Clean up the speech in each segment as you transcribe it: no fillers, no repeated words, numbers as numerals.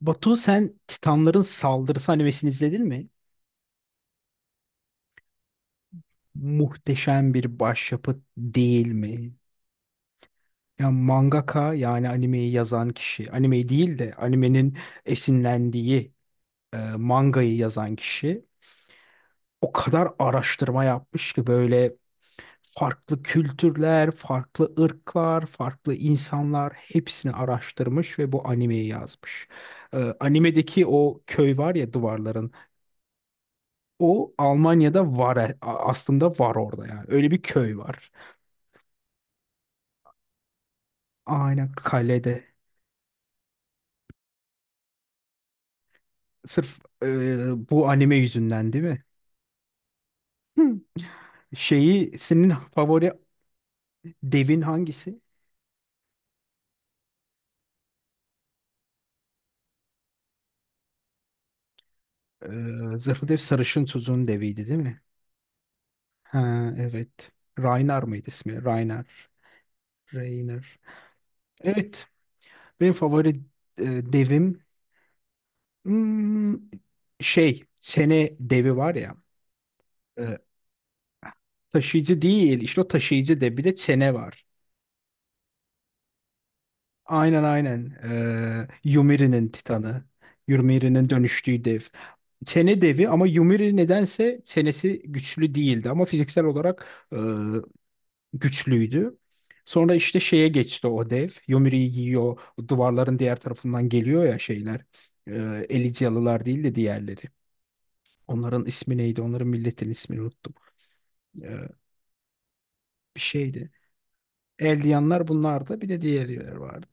Batu, sen Titanların Saldırısı animesini izledin mi? Muhteşem bir başyapıt değil mi? Ya mangaka yani animeyi yazan kişi, animeyi değil de animenin esinlendiği mangayı yazan kişi o kadar araştırma yapmış ki böyle farklı kültürler, farklı ırklar, farklı insanlar hepsini araştırmış ve bu animeyi yazmış. Animedeki o köy var ya duvarların. O Almanya'da var, aslında var orada yani. Öyle bir köy var. Aynen kalede. Sırf bu anime yüzünden değil mi? Hı. Şeyi, senin favori devin hangisi? E, Zırhlı Dev Sarışın tuzun deviydi değil mi? Ha, evet. Ragnar mıydı ismi? Ragnar. Ragnar. Evet. Benim favori e, devim, hmm, şey, çene devi var ya. E, Taşıyıcı değil. İşte o taşıyıcı devi de Çene var. Aynen aynen. Yumiri'nin Titanı. Yumiri'nin dönüştüğü dev. Sene devi ama Yumiri nedense senesi güçlü değildi ama fiziksel olarak güçlüydü. Sonra işte şeye geçti o dev. Yumiri'yi yiyor. O duvarların diğer tarafından geliyor ya şeyler. E, Elysialılar değil de diğerleri. Onların ismi neydi? Onların milletin ismini unuttum. E, Bir şeydi. Eldiyanlar bunlardı. Bir de diğerleri vardı.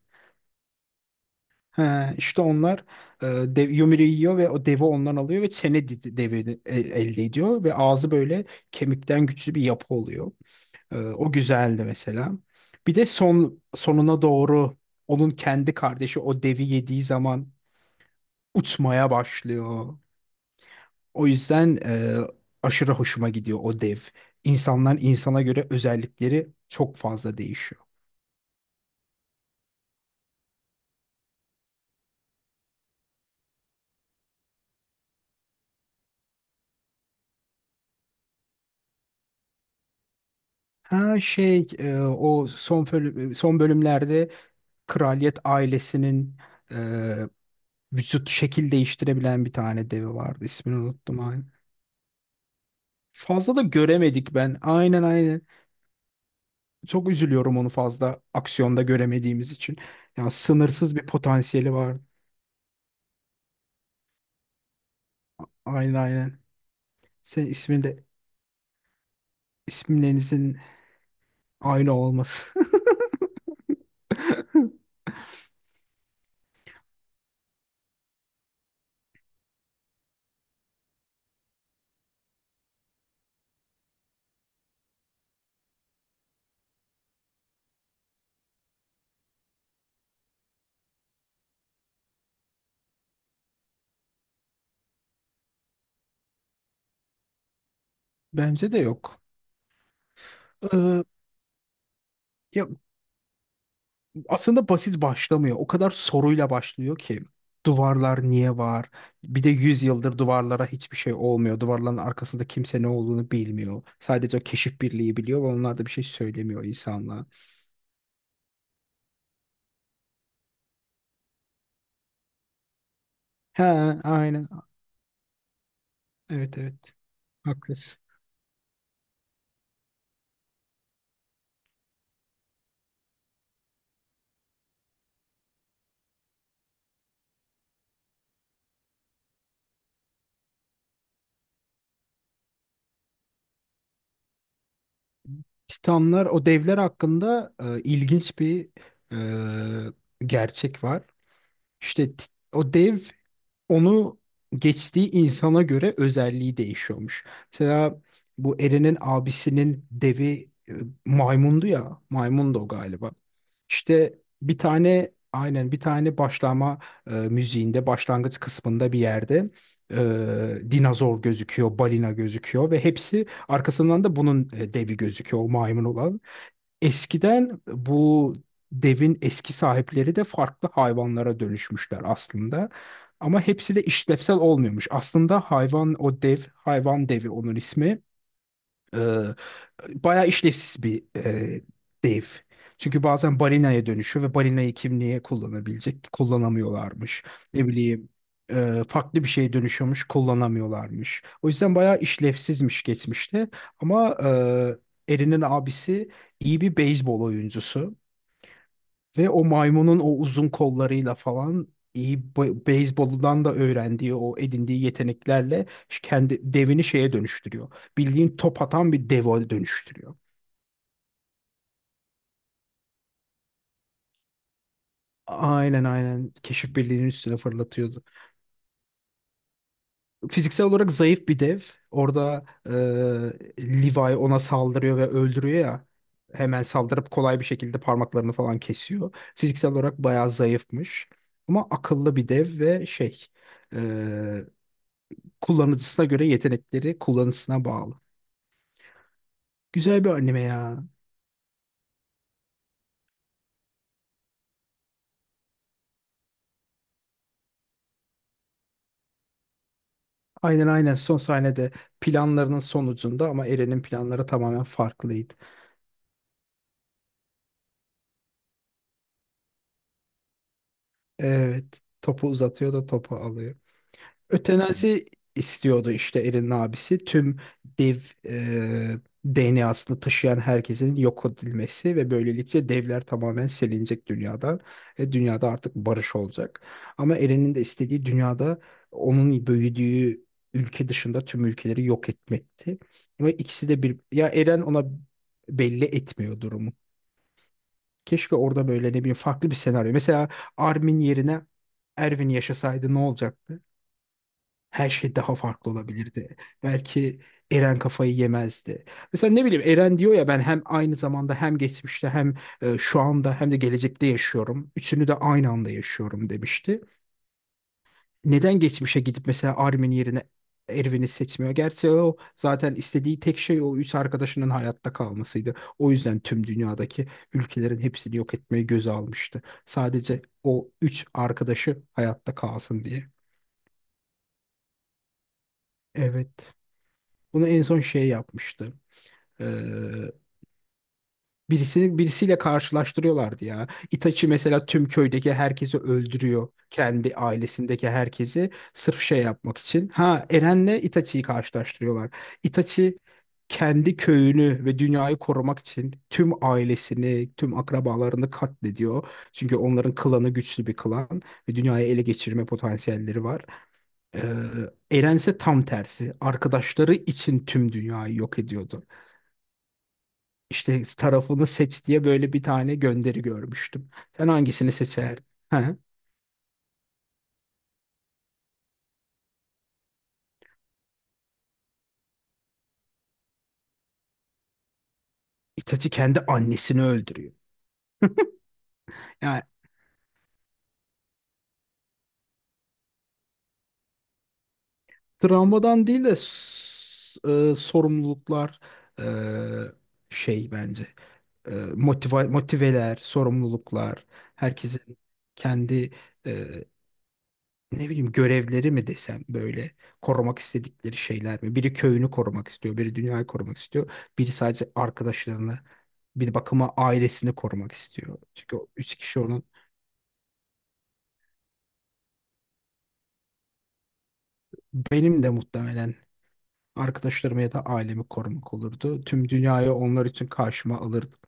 He, işte onlar e, dev, Yumru'yu yiyor ve o devi ondan alıyor ve çene devi elde ediyor ve ağzı böyle kemikten güçlü bir yapı oluyor. O güzeldi mesela. Bir de son sonuna doğru onun kendi kardeşi o devi yediği zaman uçmaya başlıyor. O yüzden aşırı hoşuma gidiyor o dev. İnsanlar, insana göre özellikleri çok fazla değişiyor. Ha şey, o son bölümlerde kraliyet ailesinin e, vücut şekil değiştirebilen bir tane devi vardı. İsmini unuttum. Fazla da göremedik ben. Aynen aynen. Çok üzülüyorum onu fazla aksiyonda göremediğimiz için. Ya sınırsız bir potansiyeli var. Aynen aynen. Senin ismin de, isimlerinizin aynı olması. Bence de yok. Ee, Ya aslında basit başlamıyor. O kadar soruyla başlıyor ki. Duvarlar niye var? Bir de 100 yıldır duvarlara hiçbir şey olmuyor. Duvarların arkasında kimse ne olduğunu bilmiyor. Sadece o keşif birliği biliyor ve onlar da bir şey söylemiyor insanlığa. He, aynen. Evet evet, haklısın. Titanlar, o devler hakkında ilginç bir gerçek var. İşte o dev, onu geçtiği insana göre özelliği değişiyormuş. Mesela bu Eren'in abisinin devi maymundu ya. Maymundu o galiba. İşte bir tane başlama müziğinde başlangıç kısmında bir yerde dinozor gözüküyor, balina gözüküyor ve hepsi arkasından da bunun devi gözüküyor, o maymun olan. Eskiden bu devin eski sahipleri de farklı hayvanlara dönüşmüşler aslında. Ama hepsi de işlevsel olmuyormuş. Aslında hayvan o dev, hayvan devi onun ismi, bayağı işlevsiz bir dev. Çünkü bazen balinaya dönüşüyor ve balinayı kim niye kullanabilecek? Kullanamıyorlarmış. Ne bileyim, farklı bir şeye dönüşüyormuş, kullanamıyorlarmış. O yüzden bayağı işlevsizmiş geçmişte. Ama Erin'in abisi iyi bir beyzbol oyuncusu. Ve o maymunun o uzun kollarıyla falan iyi, beyzboldan da öğrendiği o edindiği yeteneklerle kendi devini şeye dönüştürüyor. Bildiğin top atan bir deve dönüştürüyor. Aynen aynen, keşif birliğinin üstüne fırlatıyordu. Fiziksel olarak zayıf bir dev. Orada Levi ona saldırıyor ve öldürüyor ya. Hemen saldırıp kolay bir şekilde parmaklarını falan kesiyor. Fiziksel olarak bayağı zayıfmış. Ama akıllı bir dev ve şey, e, kullanıcısına göre yetenekleri, kullanıcısına bağlı. Güzel bir anime ya. Aynen aynen, son sahnede planlarının sonucunda ama Eren'in planları tamamen farklıydı. Evet, topu uzatıyor da topu alıyor. Ötenazi istiyordu işte Erin'in abisi. Tüm dev e, DNA'sını taşıyan herkesin yok edilmesi ve böylelikle devler tamamen silinecek dünyada ve dünyada artık barış olacak. Ama Erin'in de istediği, dünyada onun büyüdüğü ülke dışında tüm ülkeleri yok etmekti. Ve ikisi de bir ya, Eren ona belli etmiyor durumu. Keşke orada böyle ne bileyim farklı bir senaryo. Mesela Armin yerine Erwin yaşasaydı ne olacaktı? Her şey daha farklı olabilirdi. Belki Eren kafayı yemezdi. Mesela ne bileyim, Eren diyor ya, ben hem aynı zamanda hem geçmişte hem şu anda hem de gelecekte yaşıyorum. Üçünü de aynı anda yaşıyorum demişti. Neden geçmişe gidip mesela Armin yerine Erwin'i seçmiyor? Gerçi o zaten istediği tek şey o üç arkadaşının hayatta kalmasıydı. O yüzden tüm dünyadaki ülkelerin hepsini yok etmeyi göze almıştı. Sadece o üç arkadaşı hayatta kalsın diye. Evet. Bunu en son şey yapmıştı. Ee, Birisini birisiyle karşılaştırıyorlardı ya. Itachi mesela tüm köydeki herkesi öldürüyor. Kendi ailesindeki herkesi sırf şey yapmak için. Ha, Eren'le Itachi'yi karşılaştırıyorlar. Itachi kendi köyünü ve dünyayı korumak için tüm ailesini, tüm akrabalarını katlediyor. Çünkü onların klanı güçlü bir klan ve dünyayı ele geçirme potansiyelleri var. Ee, Eren ise tam tersi. Arkadaşları için tüm dünyayı yok ediyordu. İşte tarafını seç diye böyle bir tane gönderi görmüştüm. Sen hangisini seçerdin? Ha? Itachi kendi annesini öldürüyor. Yani travmadan değil de sorumluluklar, e, şey bence e, motiva- motiveler, sorumluluklar, herkesin kendi e, ne bileyim görevleri mi desem, böyle korumak istedikleri şeyler mi? Biri köyünü korumak istiyor, biri dünyayı korumak istiyor, biri sadece arkadaşlarını, bir bakıma ailesini korumak istiyor. Çünkü o üç kişi onun. Benim de muhtemelen arkadaşlarımı ya da ailemi korumak olurdu. Tüm dünyayı onlar için karşıma alırdım.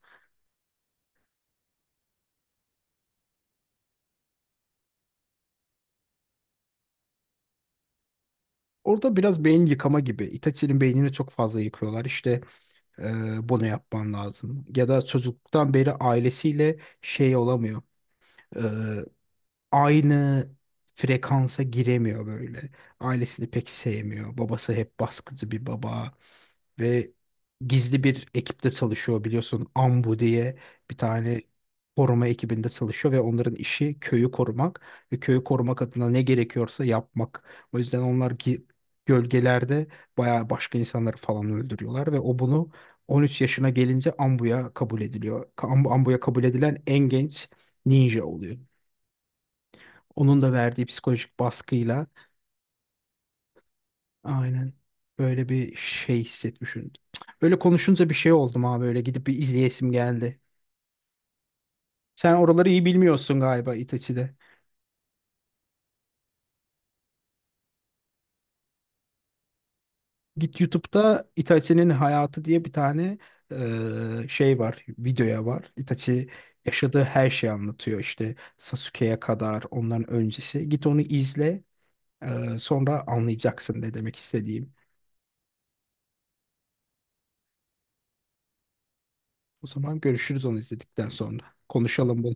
Orada biraz beyin yıkama gibi. Itachi'nin beynini çok fazla yıkıyorlar. İşte bunu yapman lazım. Ya da çocukluktan beri ailesiyle şey olamıyor, aynı frekansa giremiyor böyle. Ailesini pek sevmiyor. Babası hep baskıcı bir baba ve gizli bir ekipte çalışıyor, biliyorsun. Ambu diye bir tane koruma ekibinde çalışıyor ve onların işi köyü korumak ve köyü korumak adına ne gerekiyorsa yapmak. O yüzden onlar gölgelerde bayağı başka insanları falan öldürüyorlar ve o bunu 13 yaşına gelince Ambu'ya kabul ediliyor. Ambu'ya kabul edilen en genç ninja oluyor. Onun da verdiği psikolojik baskıyla aynen böyle bir şey hissetmişim. Böyle konuşunca bir şey oldum abi, böyle gidip bir izleyesim geldi. Sen oraları iyi bilmiyorsun galiba Itachi'de. Git YouTube'da Itachi'nin hayatı diye bir tane şey var, videoya var. Itachi yaşadığı her şeyi anlatıyor, işte Sasuke'ye kadar onların öncesi. Git onu izle, sonra anlayacaksın ne demek istediğim. O zaman görüşürüz onu izledikten sonra. Konuşalım bunu.